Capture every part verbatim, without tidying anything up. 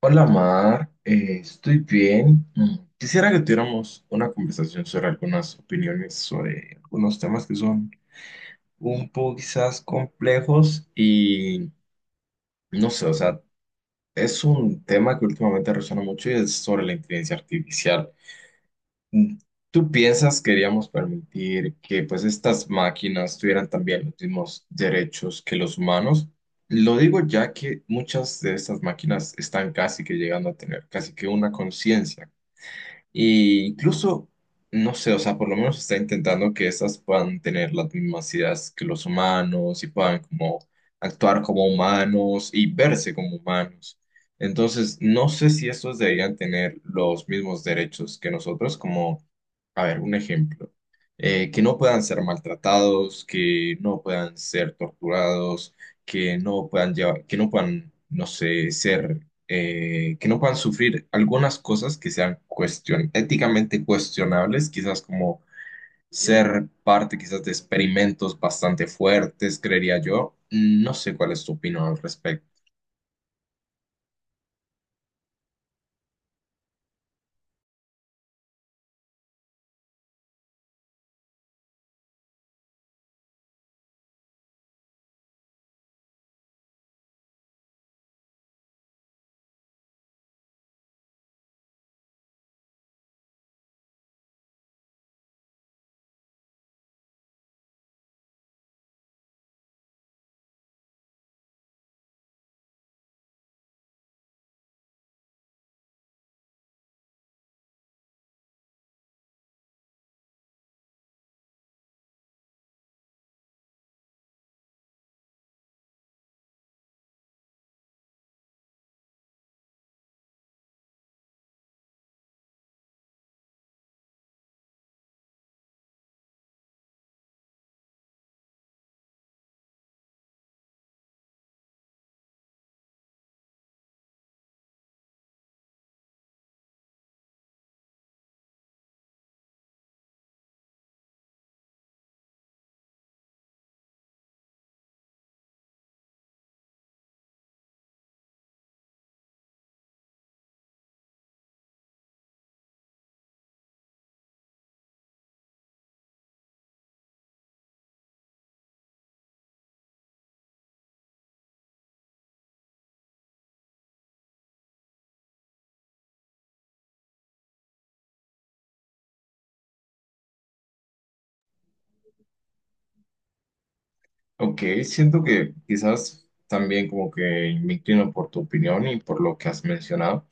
Hola Mar. Eh, estoy bien. Mm, Quisiera que tuviéramos una conversación sobre algunas opiniones, sobre algunos temas que son un poco quizás complejos y no sé, o sea, es un tema que últimamente resuena mucho y es sobre la inteligencia artificial. Mm, ¿Tú piensas que queríamos permitir que pues estas máquinas tuvieran también los mismos derechos que los humanos? Lo digo ya que muchas de estas máquinas están casi que llegando a tener casi que una conciencia. Y incluso, no sé, o sea, por lo menos está intentando que estas puedan tener las mismas ideas que los humanos y puedan como actuar como humanos y verse como humanos. Entonces, no sé si estos deberían tener los mismos derechos que nosotros, como, a ver, un ejemplo, eh, que no puedan ser maltratados, que no puedan ser torturados, que no puedan llevar, que no puedan, no sé, ser, eh, que no puedan sufrir algunas cosas que sean cuestion éticamente cuestionables, quizás como ser parte quizás de experimentos bastante fuertes, creería yo. No sé cuál es tu opinión al respecto. Ok, siento que quizás también como que me inclino por tu opinión y por lo que has mencionado,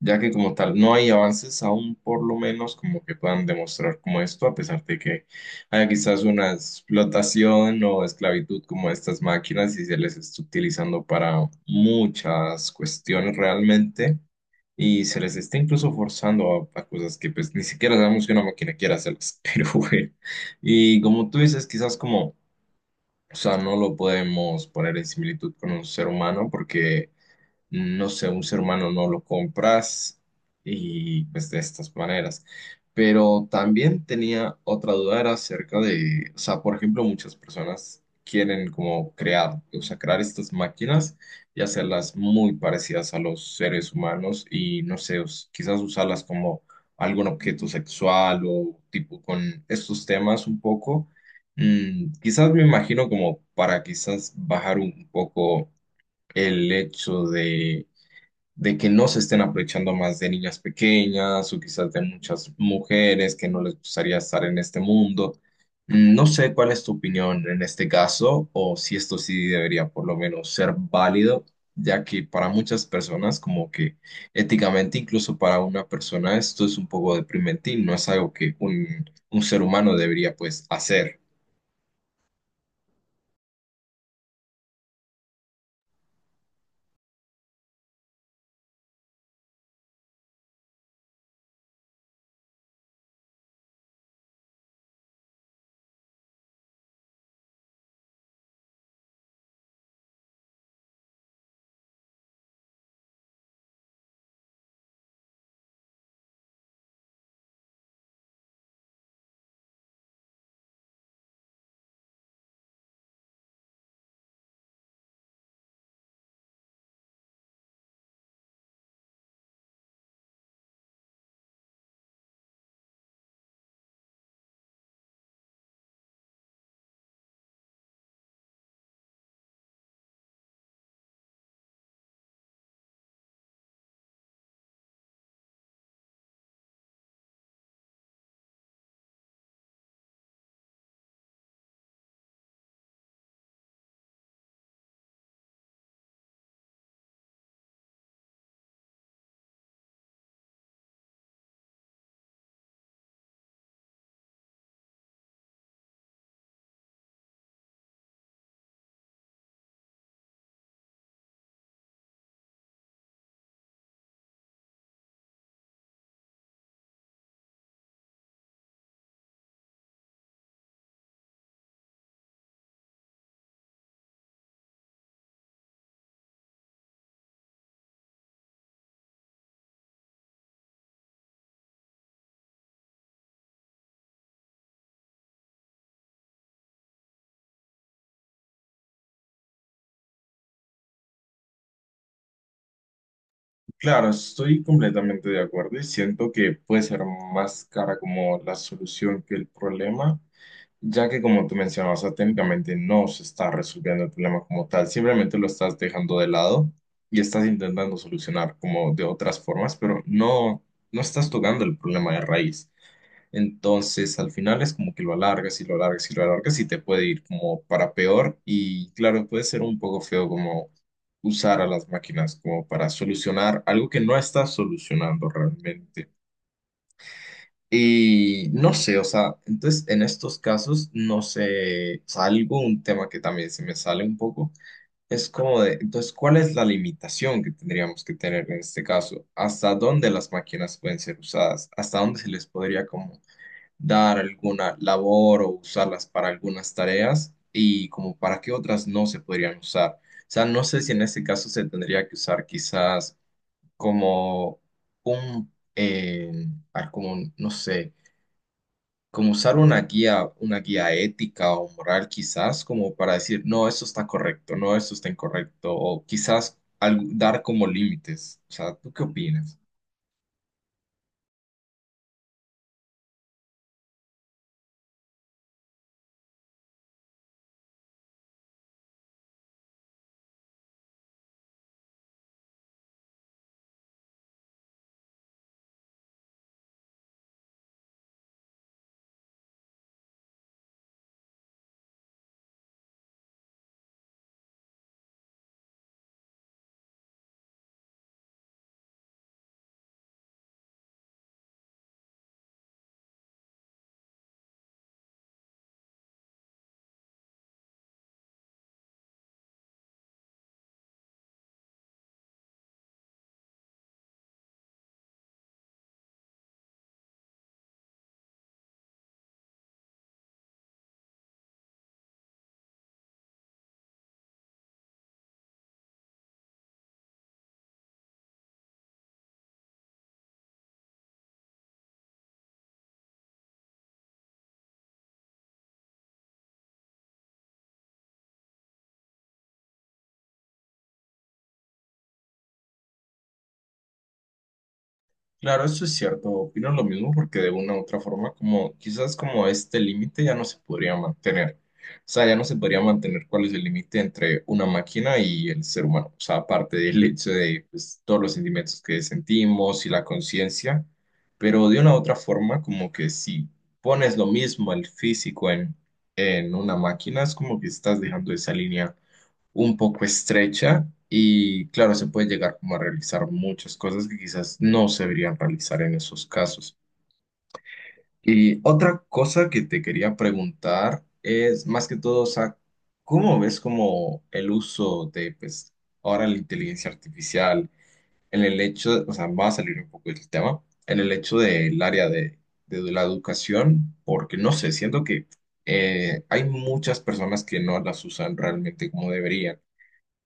ya que como tal no hay avances aún por lo menos como que puedan demostrar como esto, a pesar de que haya quizás una explotación o esclavitud como estas máquinas y se les está utilizando para muchas cuestiones realmente y se les está incluso forzando a, a cosas que pues ni siquiera sabemos que una máquina quiera hacerlas, pero bueno, y como tú dices, quizás como... O sea, no lo podemos poner en similitud con un ser humano porque no sé, un ser humano no lo compras y pues de estas maneras. Pero también tenía otra duda, era acerca de, o sea, por ejemplo, muchas personas quieren como crear, o sea, crear estas máquinas y hacerlas muy parecidas a los seres humanos y no sé, us- quizás usarlas como algún objeto sexual o tipo con estos temas un poco. Mm, quizás me imagino como para quizás bajar un poco el hecho de que no se estén aprovechando más de niñas pequeñas o quizás de muchas mujeres que no les gustaría estar en este mundo. Mm, No sé cuál es tu opinión en este caso o si esto sí debería por lo menos ser válido, ya que para muchas personas como que éticamente, incluso para una persona, esto es un poco deprimente y no es algo que un, un ser humano debería pues hacer. Claro, estoy completamente de acuerdo y siento que puede ser más cara como la solución que el problema. Ya que como tú mencionabas, o sea, técnicamente no se está resolviendo el problema como tal, simplemente lo estás dejando de lado y estás intentando solucionar como de otras formas, pero no, no estás tocando el problema de raíz. Entonces, al final es como que lo alargas y lo alargas y lo alargas y te puede ir como para peor y claro, puede ser un poco feo como usar a las máquinas como para solucionar algo que no estás solucionando realmente. Y no sé, o sea, entonces en estos casos, no sé, salgo, un tema que también se me sale un poco, es como de, entonces, ¿cuál es la limitación que tendríamos que tener en este caso? ¿Hasta dónde las máquinas pueden ser usadas? ¿Hasta dónde se les podría como dar alguna labor o usarlas para algunas tareas? ¿Y como para qué otras no se podrían usar? O sea, no sé si en este caso se tendría que usar quizás como un, eh, ah, como, un- no sé, como usar una guía, una guía ética o moral quizás, como para decir, no, esto está correcto, no, esto está incorrecto, o quizás algo- dar como límites. O sea, ¿tú qué opinas? Claro, eso es cierto, opino lo mismo porque de una u otra forma, como quizás como este límite ya no se podría mantener. O sea, ya no se podría mantener cuál es el límite entre una máquina y el ser humano. O sea, aparte del hecho de pues, todos los sentimientos que sentimos y la conciencia, pero de una u otra forma, como que si pones lo mismo el físico en, en una máquina, es como que estás dejando esa línea un poco estrecha y claro, se puede llegar como a realizar muchas cosas que quizás no se deberían realizar en esos casos. Y otra cosa que te quería preguntar es más que todo, o sea, ¿cómo ves como el uso de pues ahora la inteligencia artificial en el hecho, o sea, va a salir un poco del tema, en el hecho del área de, de la educación, porque no sé, siento que eh, hay muchas personas que no las usan realmente como deberían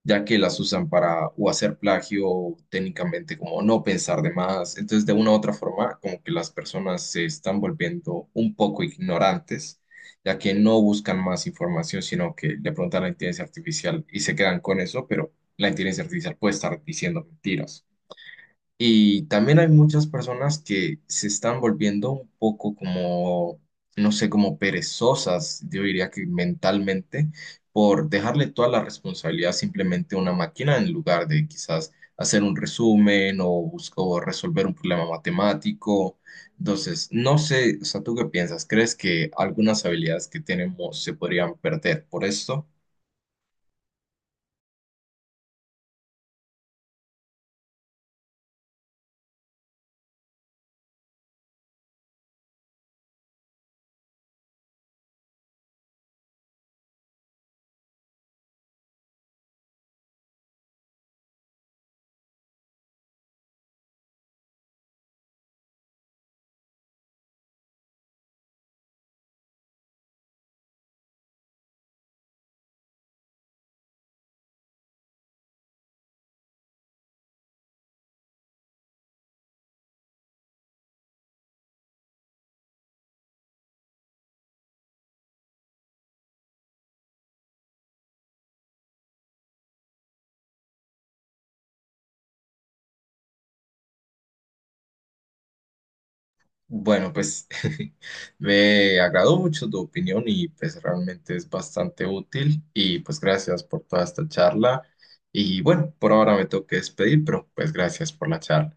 ya que las usan para o hacer plagio o técnicamente como no pensar de más. Entonces, de una u otra forma, como que las personas se están volviendo un poco ignorantes, ya que no buscan más información, sino que le preguntan a la inteligencia artificial y se quedan con eso, pero la inteligencia artificial puede estar diciendo mentiras. Y también hay muchas personas que se están volviendo un poco como, no sé, como perezosas, yo diría que mentalmente, por dejarle toda la responsabilidad simplemente a una máquina en lugar de quizás hacer un resumen o buscar resolver un problema matemático. Entonces, no sé, o sea, ¿tú qué piensas? ¿Crees que algunas habilidades que tenemos se podrían perder por esto? Bueno, pues me agradó mucho tu opinión y pues realmente es bastante útil y pues gracias por toda esta charla y bueno, por ahora me tengo que despedir, pero pues gracias por la charla.